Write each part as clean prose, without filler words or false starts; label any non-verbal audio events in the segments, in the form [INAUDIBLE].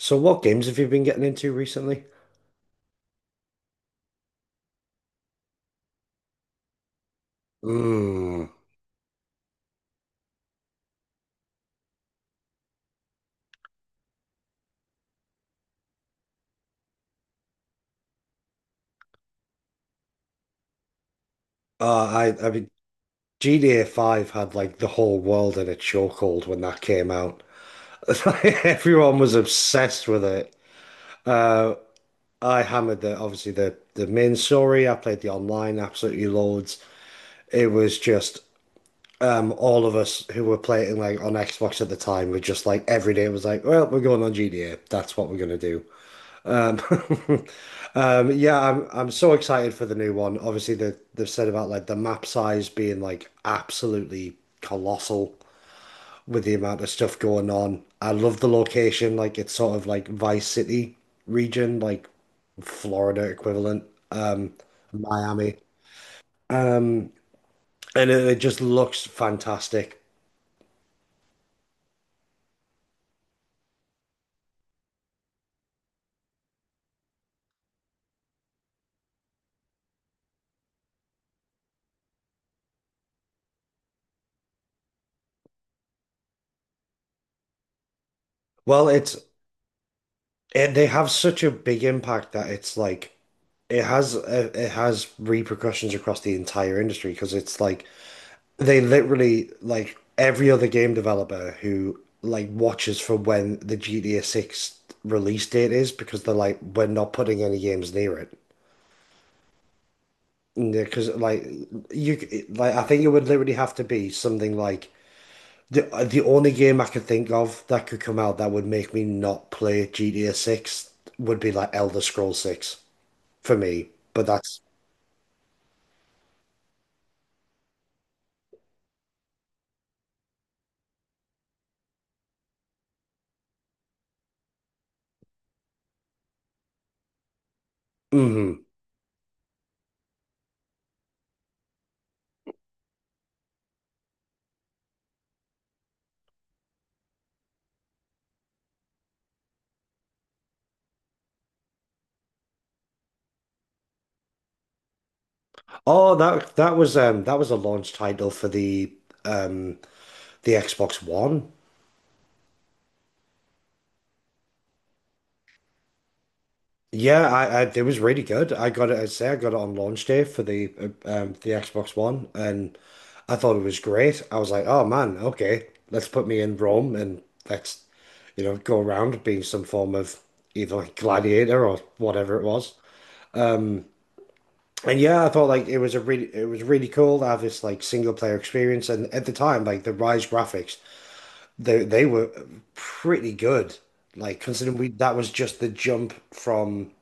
So what games have you been getting into recently? Mm. Uh, I I mean GTA 5 had like the whole world in a chokehold when that came out. [LAUGHS] Everyone was obsessed with it. Uh, I hammered the obviously the main story. I played the online absolutely loads. It was just all of us who were playing like on Xbox at the time were just like every day it was like, well, we're going on GTA. That's what we're gonna do. Um, [LAUGHS] yeah, I'm so excited for the new one. Obviously, they've said about like the map size being like absolutely colossal with the amount of stuff going on. I love the location, like it's sort of like Vice City region, like Florida equivalent, um, Miami, um, and it just looks fantastic. Well, it's they have such a big impact that it's like it has repercussions across the entire industry because it's like they literally like every other game developer who like watches for when the GTA 6 release date is because they're like we're not putting any games near it. Because like you like I think it would literally have to be something like the the only game I could think of that could come out that would make me not play GTA 6 would be like Elder Scrolls 6 for me. But that's hmm Oh, that was that was a launch title for um the Xbox One. Yeah, I it was really good. I got it. I'd say I got it on launch day for the Xbox One, and I thought it was great. I was like, oh man, okay, let's put me in Rome and let's, you know, go around being some form of either like gladiator or whatever it was. And yeah, I thought like it was a really it was really cool to have this like single player experience. And at the time, like the Rise graphics, they were pretty good. Like considering we that was just the jump from.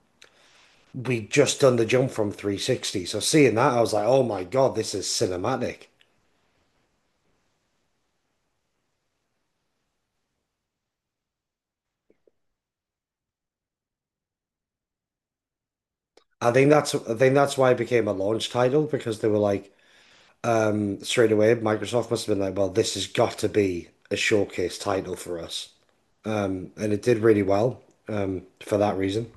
We just done the jump from 360. So seeing that, I was like, oh my God, this is cinematic. I think that's why it became a launch title because they were like, straight away, Microsoft must have been like, well, this has got to be a showcase title for us. And it did really well, for that reason.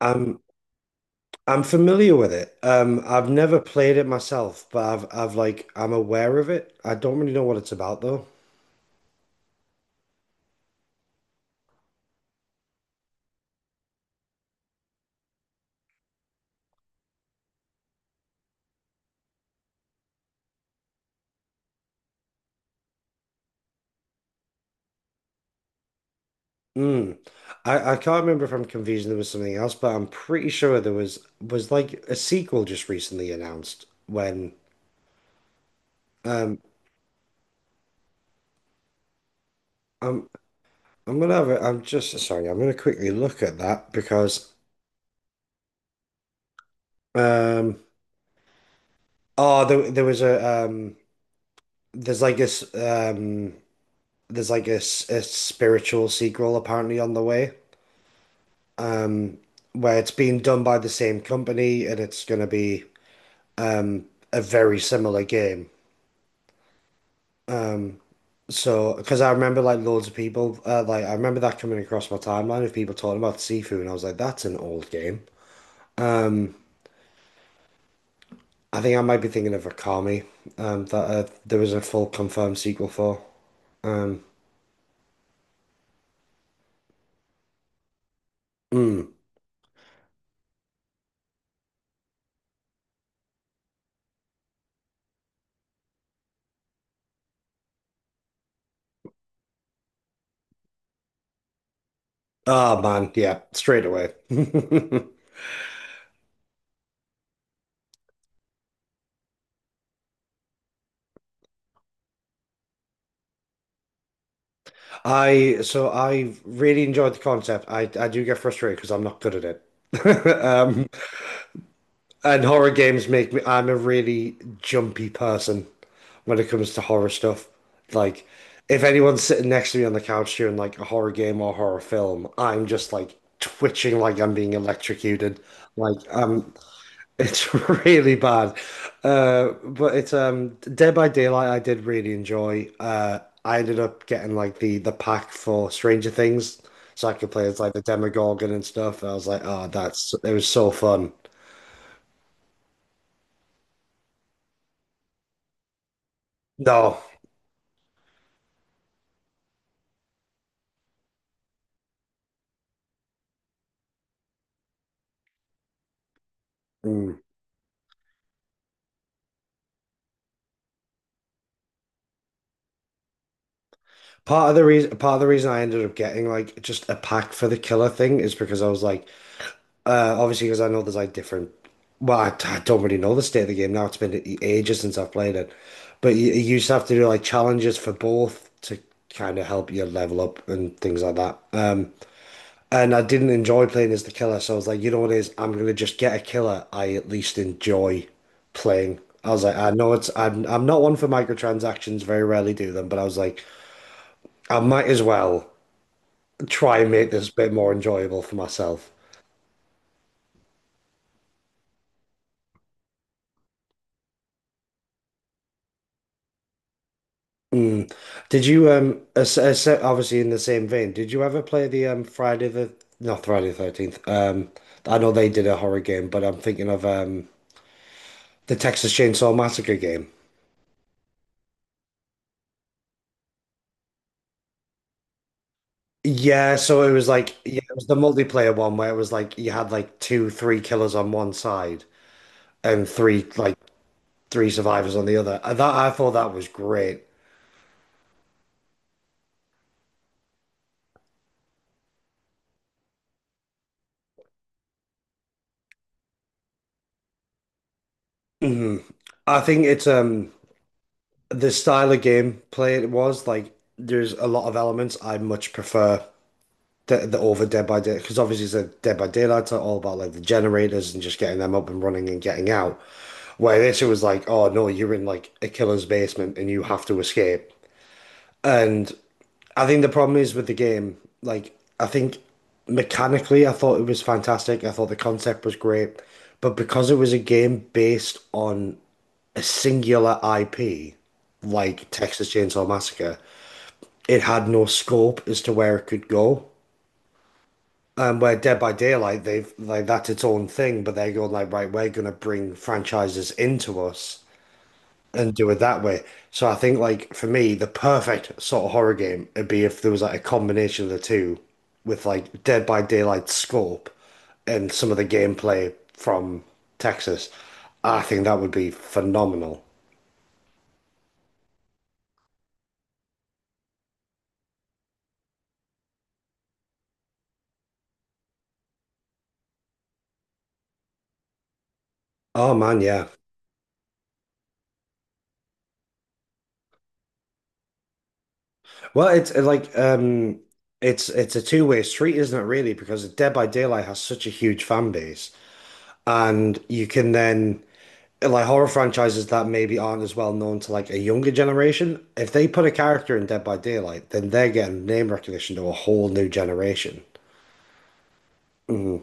Um, I'm familiar with it. I've never played it myself, but I'm aware of it. I don't really know what it's about though. Mm. I can't remember if I'm confusing. There was something else, but I'm pretty sure there was like a sequel just recently announced. When um, I'm gonna I'm just sorry. I'm gonna quickly look at that because um, oh, there was a there's like this um, there's like a, a spiritual sequel apparently on the way. Um, where it's being done by the same company and it's gonna be um a very similar game. Um, so because I remember like loads of people, like I remember that coming across my timeline of people talking about Sifu, and I was like, that's an old game. Um, I think I might be thinking of Akami, that there was a full confirmed sequel for. Um, mm. Oh man, yeah, straight away. [LAUGHS] I so I really enjoyed the concept. I do get frustrated because I'm not good at it. [LAUGHS] Um, and horror games make me, I'm a really jumpy person when it comes to horror stuff. Like, if anyone's sitting next to me on the couch during like a horror game or horror film, I'm just like twitching like I'm being electrocuted. Like, it's [LAUGHS] really bad. But it's Dead by Daylight. I did really enjoy. I ended up getting like the pack for Stranger Things, so I could play as like the Demogorgon and stuff. I was like, oh, that's it was so fun. No. Mm. Part of the reason I ended up getting like just a pack for the killer thing is because I was like, obviously because I know there's like different. Well, I don't really know the state of the game now. Ages since I've played it, but you used to have to do like challenges for both to kind of help you level up and things like that. And I didn't enjoy playing as the killer, so I was like, you know what it is? I'm gonna just get a killer I at least enjoy playing. I was like, I know it's I'm not one for microtransactions, very rarely do them, but I was like, I might as well try and make this a bit more enjoyable for myself. Mm. Did you obviously in the same vein, did you ever play the Friday the not Friday the 13th. I know they did a horror game, but I'm thinking of the Texas Chainsaw Massacre game. Yeah, so it was like yeah, it was the multiplayer one where it was like you had like three killers on one side and three survivors on the other. That I thought that was great. Mhm. I think it's the style of gameplay it was like there's a lot of elements I much prefer the over Dead by Day because obviously it's a Dead by Daylight are all about like the generators and just getting them up and running and getting out. Where this it was like, oh no, you're in like a killer's basement and you have to escape. And I think the problem is with the game, like I think mechanically I thought it was fantastic. I thought the concept was great, but because it was a game based on a singular IP, like Texas Chainsaw Massacre, it had no scope as to where it could go. And where Dead by Daylight, they've like that's its own thing, but they're going like, right, we're gonna bring franchises into us and do it that way. So I think like for me, the perfect sort of horror game would be if there was like a combination of the two with like Dead by Daylight scope and some of the gameplay from Texas. I think that would be phenomenal. Oh man, yeah. Well, it's it's a two-way street, isn't it, really? Because Dead by Daylight has such a huge fan base. And you can then like horror franchises that maybe aren't as well known to like a younger generation, if they put a character in Dead by Daylight, then they're getting name recognition to a whole new generation. Mm,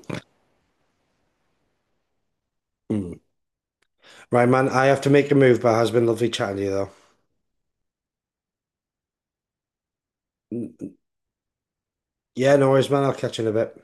mm. Right, man, I have to make a move, but it has been lovely chatting to you though. Yeah, no worries, man. I'll catch you in a bit.